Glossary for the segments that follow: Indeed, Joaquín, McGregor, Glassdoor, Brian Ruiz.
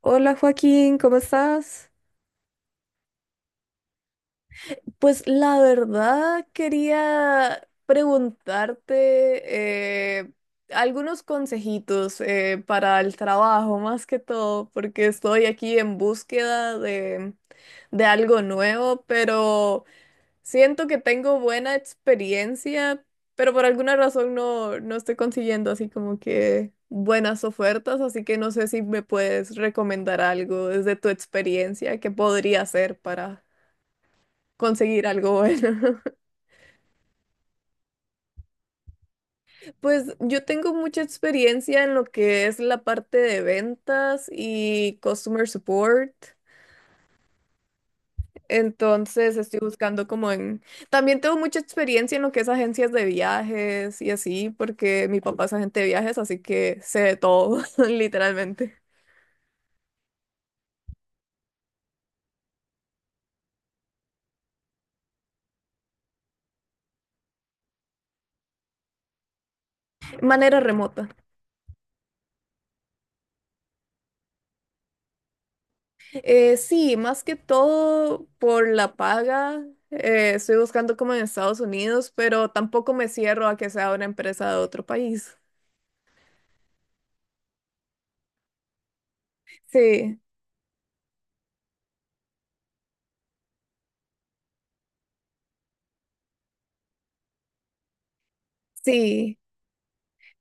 Hola Joaquín, ¿cómo estás? Pues la verdad quería preguntarte algunos consejitos para el trabajo, más que todo, porque estoy aquí en búsqueda de algo nuevo, pero siento que tengo buena experiencia, pero por alguna razón no estoy consiguiendo así como que buenas ofertas, así que no sé si me puedes recomendar algo desde tu experiencia que podría hacer para conseguir algo bueno. Pues yo tengo mucha experiencia en lo que es la parte de ventas y customer support. Entonces estoy buscando como en... También tengo mucha experiencia en lo que es agencias de viajes y así, porque mi papá es agente de viajes, así que sé de todo, literalmente. Manera remota. Sí, más que todo por la paga. Estoy buscando como en Estados Unidos, pero tampoco me cierro a que sea una empresa de otro país. Sí, sí.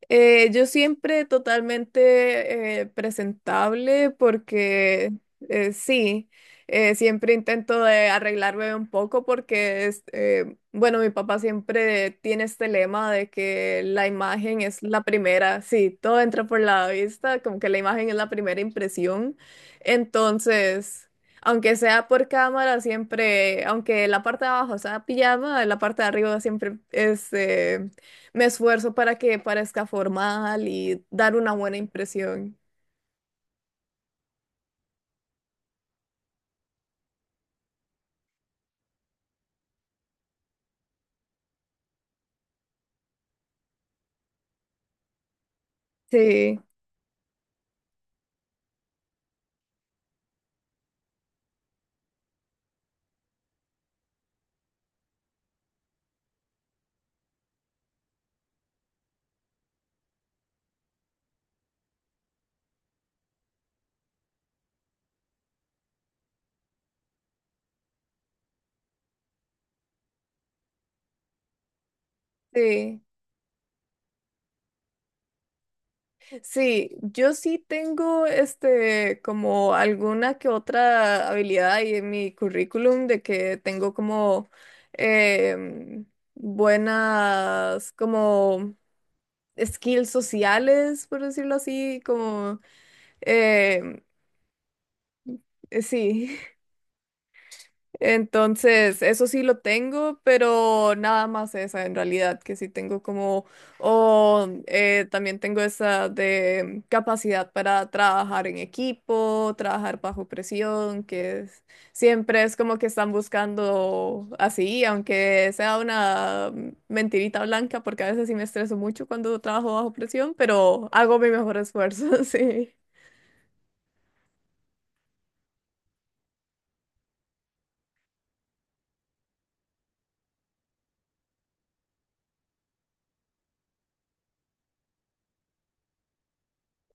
Yo siempre totalmente presentable porque sí, siempre intento de arreglarme un poco porque bueno, mi papá siempre tiene este lema de que la imagen es la primera, sí, todo entra por la vista, como que la imagen es la primera impresión. Entonces, aunque sea por cámara, siempre, aunque la parte de abajo sea pijama, la parte de arriba siempre es... me esfuerzo para que parezca formal y dar una buena impresión. Sí, sí, sí. Yo sí tengo este como alguna que otra habilidad ahí en mi currículum de que tengo como em, buenas como skills sociales, por decirlo así, como em, sí. Entonces, eso sí lo tengo, pero nada más esa en realidad, que sí tengo como, o también tengo esa de capacidad para trabajar en equipo, trabajar bajo presión, que es- siempre es como que están buscando así, aunque sea una mentirita blanca, porque a veces sí me estreso mucho cuando trabajo bajo presión, pero hago mi mejor esfuerzo, sí,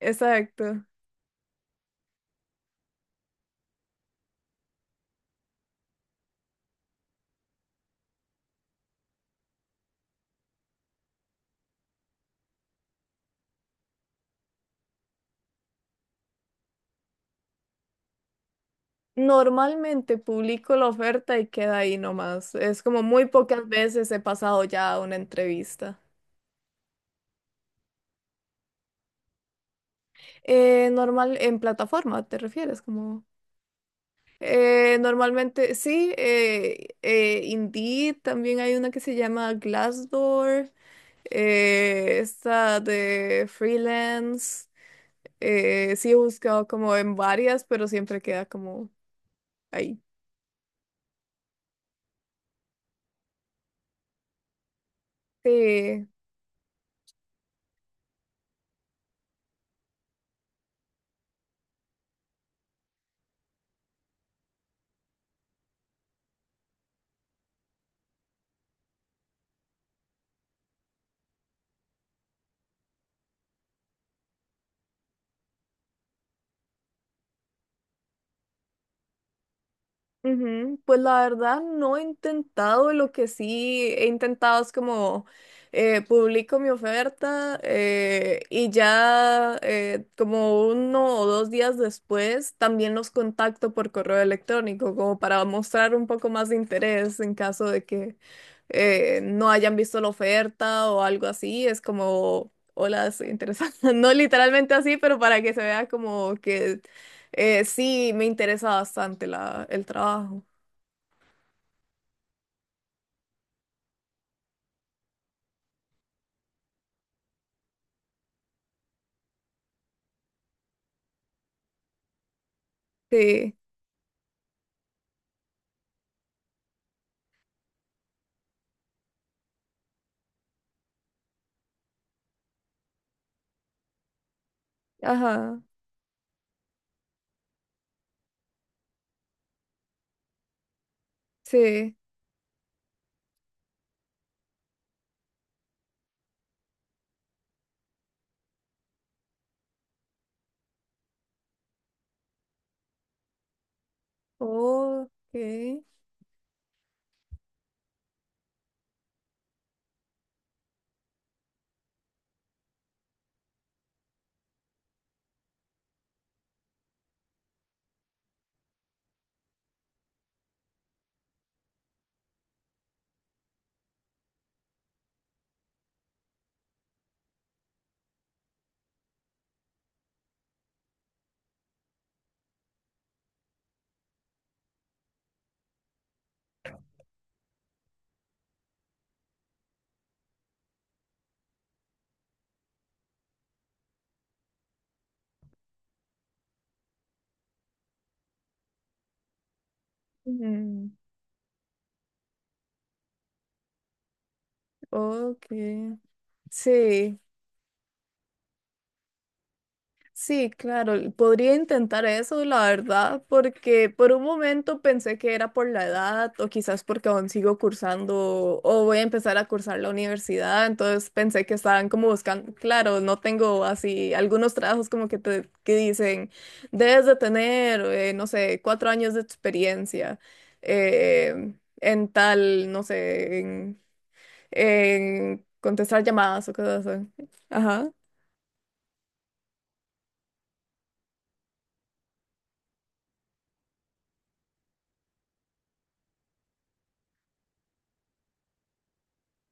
exacto. Normalmente publico la oferta y queda ahí nomás. Es como muy pocas veces he pasado ya a una entrevista. Normal, en plataforma, ¿te refieres? Como normalmente, sí, Indeed, también hay una que se llama Glassdoor, esta de freelance. Sí he buscado como en varias, pero siempre queda como ahí. Sí. Ujú, pues la verdad no he intentado, lo que sí he intentado es como publico mi oferta y ya como uno o dos días después también los contacto por correo electrónico como para mostrar un poco más de interés en caso de que no hayan visto la oferta o algo así, es como, hola, estoy interesada. No literalmente así, pero para que se vea como que sí, me interesa bastante el trabajo. Sí, ajá, sí. Ok, ujú, ok. Sí, sí, claro, podría intentar eso, la verdad, porque por un momento pensé que era por la edad o quizás porque aún sigo cursando o voy a empezar a cursar la universidad, entonces pensé que estaban como buscando, claro, no tengo así algunos trabajos como que te que dicen, debes de tener, no sé, 4 años de experiencia eh, en tal, no sé, en contestar llamadas o cosas así. Ajá,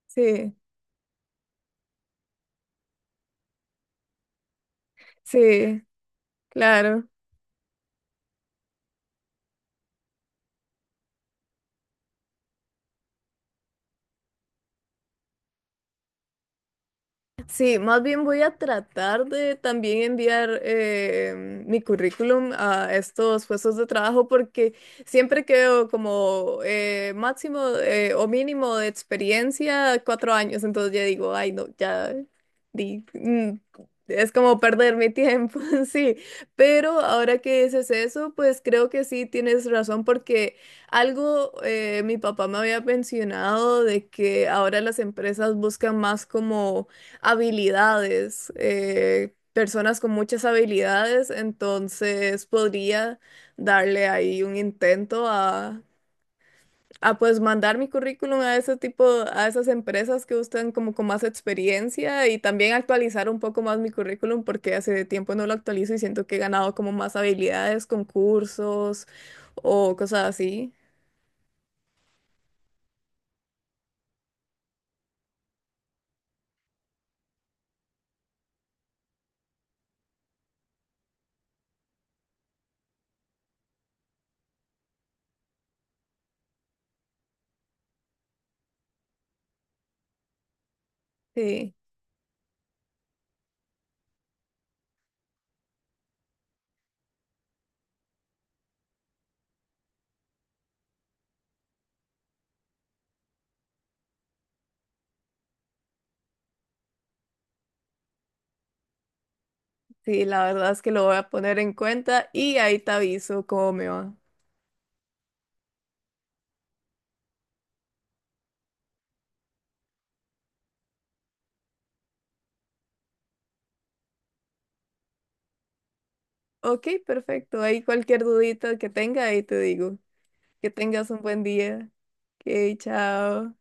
sí, sí, claro. Sí, más bien voy a tratar de también enviar mi currículum a estos puestos de trabajo porque siempre quedo como máximo o mínimo de experiencia 4 años, entonces ya digo, ay no, ya di, es como perder mi tiempo, sí, pero ahora que dices eso, pues creo que sí tienes razón porque... Algo mi papá me había mencionado de que ahora las empresas buscan más como habilidades, personas con muchas habilidades, entonces podría darle ahí un intento a pues mandar mi currículum a ese tipo, a esas empresas que buscan como con más experiencia y también actualizar un poco más mi currículum porque hace tiempo no lo actualizo y siento que he ganado como más habilidades, concursos o cosas así. Sí, sí, la verdad es que lo voy a poner en cuenta y ahí te aviso cómo me va. Ok, perfecto. Ahí cualquier dudita que tenga, ahí te digo. Que tengas un buen día. Ok, chao.